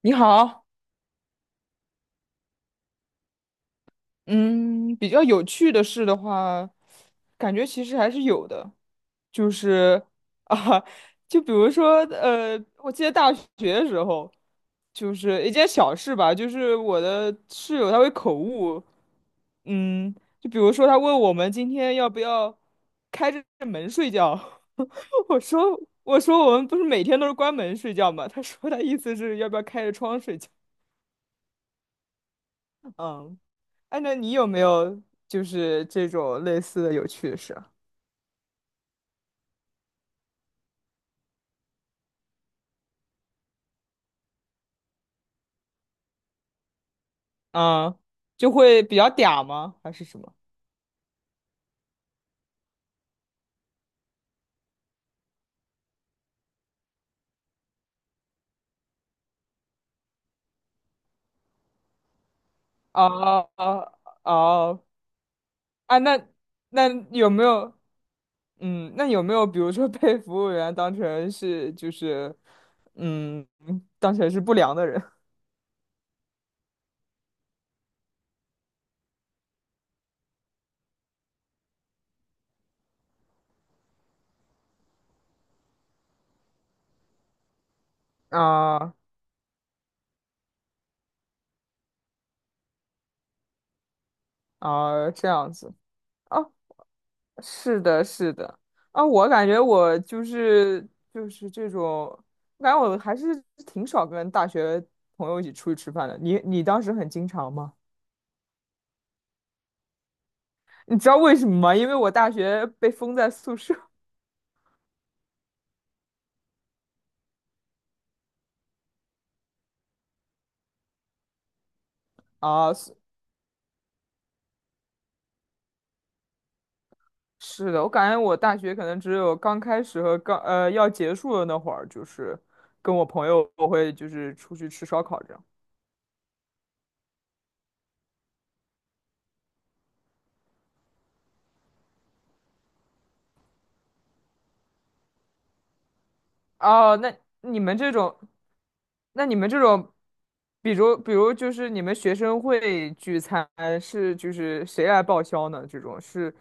你好，嗯，比较有趣的事的话，感觉其实还是有的，就是啊，就比如说，我记得大学的时候，就是一件小事吧，就是我的室友他会口误，嗯，就比如说他问我们今天要不要开着门睡觉，我说我们不是每天都是关门睡觉吗？他说他意思是要不要开着窗睡觉。嗯，哎，那你有没有就是这种类似的有趣的事啊？嗯，就会比较嗲吗？还是什么？哦哦哦，啊，那有没有？嗯，那有没有比如说被服务员当成是就是嗯，当成是不良的人啊啊这样子？啊。是的，是的，啊，我感觉我就是这种，我感觉我还是挺少跟大学朋友一起出去吃饭的。你当时很经常吗？你知道为什么吗？因为我大学被封在宿舍啊。是是的，我感觉我大学可能只有刚开始和刚要结束的那会儿，就是跟我朋友我会就是出去吃烧烤这样。哦，那你们这种。那你们这种，比如就是你们学生会聚餐是就是谁来报销呢？这种是，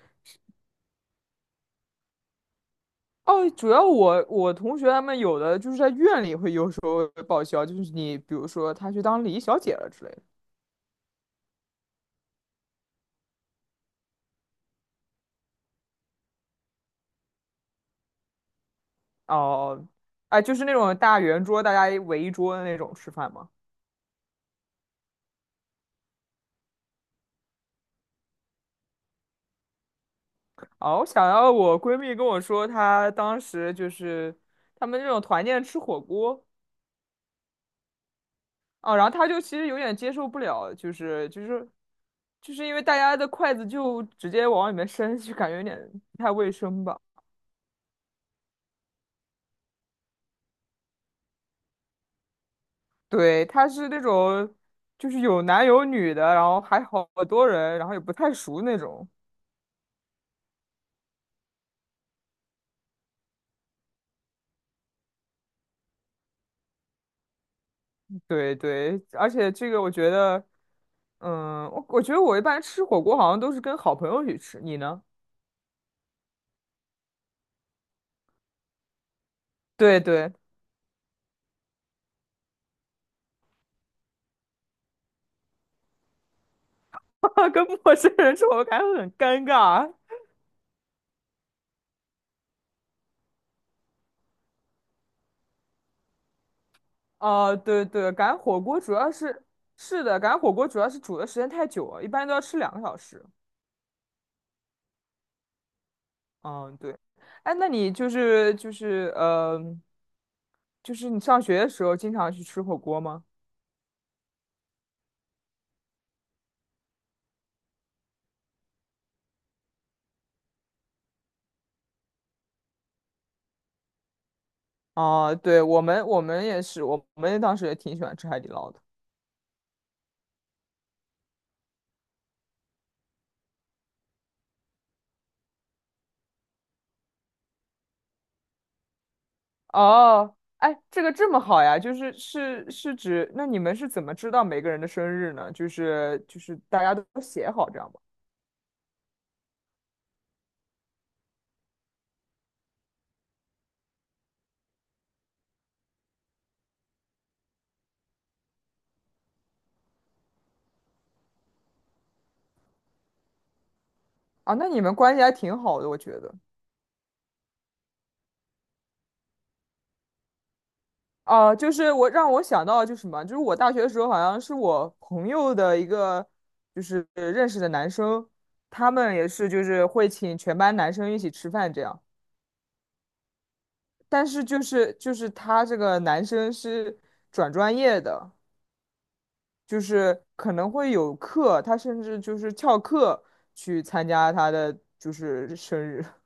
哦，主要我同学他们有的就是在院里会有时候会报销，就是你比如说他去当礼仪小姐了之类的。哦，哎，就是那种大圆桌，大家围一桌的那种吃饭吗？哦，我想到我闺蜜跟我说，她当时就是他们这种团建吃火锅。哦，然后他就其实有点接受不了，就是因为大家的筷子就直接往里面伸，就感觉有点不太卫生吧。对，他是那种就是有男有女的，然后还好多人，然后也不太熟那种。对对，而且这个我觉得，嗯，我觉得我一般吃火锅好像都是跟好朋友去吃，你呢？对对，跟陌生人吃火锅感觉很尴尬。哦，对对，赶火锅主要是是的，赶火锅主要是煮的时间太久了，一般都要吃2个小时。嗯，对。哎，那你就是就是你上学的时候经常去吃火锅吗？哦，对，我们也是，我们当时也挺喜欢吃海底捞的。哦，哎，这个这么好呀，就是是指，那你们是怎么知道每个人的生日呢？就是大家都写好这样吧？啊，那你们关系还挺好的，我觉得。哦，就是让我想到就是什么，就是我大学的时候好像是我朋友的一个就是认识的男生，他们也是就是会请全班男生一起吃饭这样，但是就是他这个男生是转专业的，就是可能会有课，他甚至就是翘课去参加他的就是生日，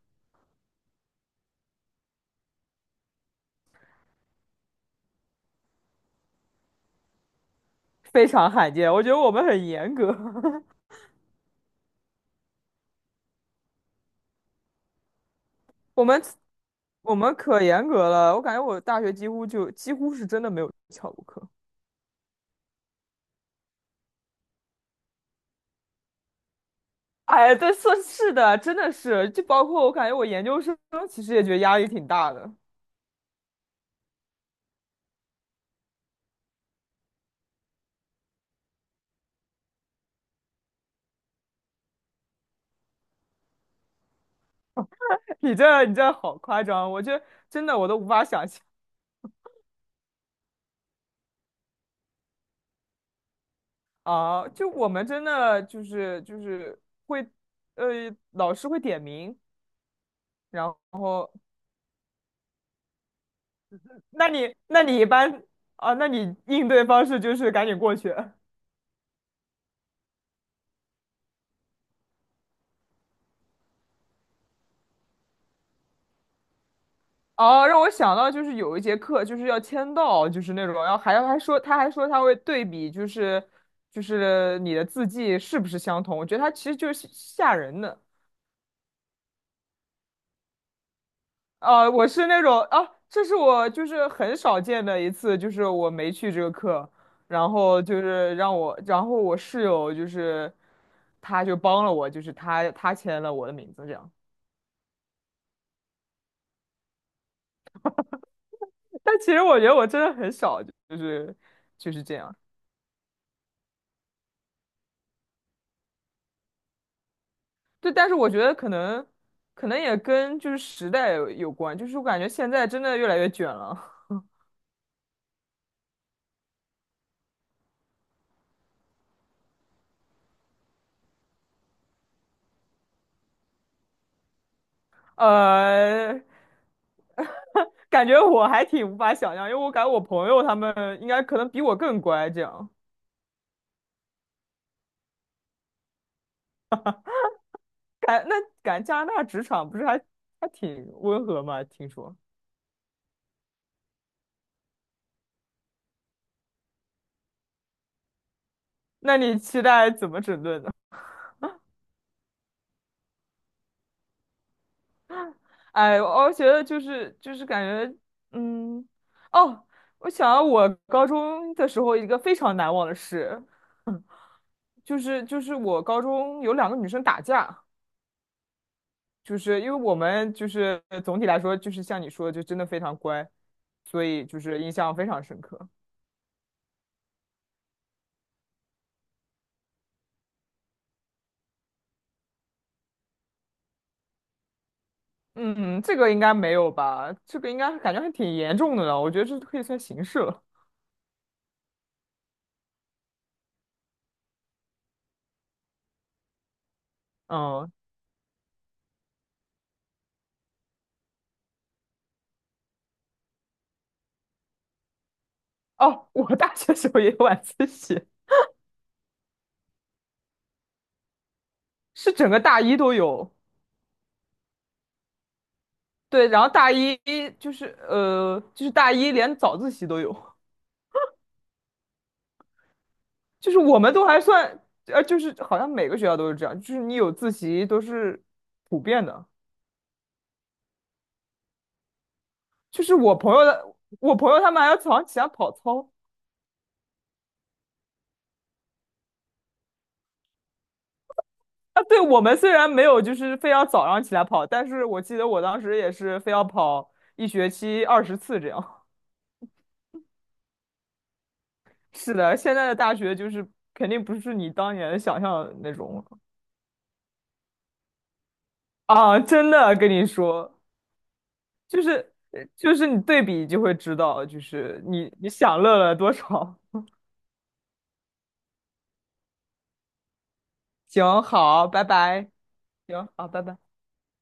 非常罕见，我觉得我们很严格。我们我们可严格了，我感觉我大学几乎是真的没有翘过课。哎，对，是的，真的是，就包括我感觉我研究生其实也觉得压力挺大的。你这好夸张，我这真的我都无法想象啊！就我们真的就是会，呃，老师会点名，然后那你那你一般啊，那你应对方式就是赶紧过去。哦，让我想到就是有一节课就是要签到，就是那种，然后还说他会对比，就是你的字迹是不是相同？我觉得他其实就是吓人的。啊，我是那种啊，这是我就是很少见的一次，就是我没去这个课，然后就是让我，然后我室友就是他就帮了我，就是他签了我的名字这样。但其实我觉得我真的很少，就是就是这样。对，但是我觉得可能也跟就是时代有关，就是我感觉现在真的越来越卷了，呃，感觉我还挺无法想象，因为我感觉我朋友他们应该可能比我更乖，这样感那感觉加拿大职场不是还挺温和嘛？听说，那你期待怎么整顿呢？哎，我觉得就是感觉，嗯，哦，我想到我高中的时候一个非常难忘的事。就是我高中有两个女生打架，就是因为我们就是总体来说就是像你说的，就真的非常乖，所以就是印象非常深刻。嗯，这个应该没有吧？这个应该感觉还挺严重的呢，我觉得这可以算刑事了。嗯，哦，我大学时候也有晚自习，是整个大一都有。对，然后大一就是就是大一连早自习都有。就是我们都还算，就是好像每个学校都是这样，就是你有自习都是普遍的。就是我朋友的，我朋友他们还要早上起来跑操啊。对，我们虽然没有就是非要早上起来跑，但是我记得我当时也是非要跑一学期20次这样。是的，现在的大学就是肯定不是你当年想象的那种了啊！真的跟你说，就是就是你对比就会知道，就是你享乐了多少。行，好，拜拜。行，好，拜拜。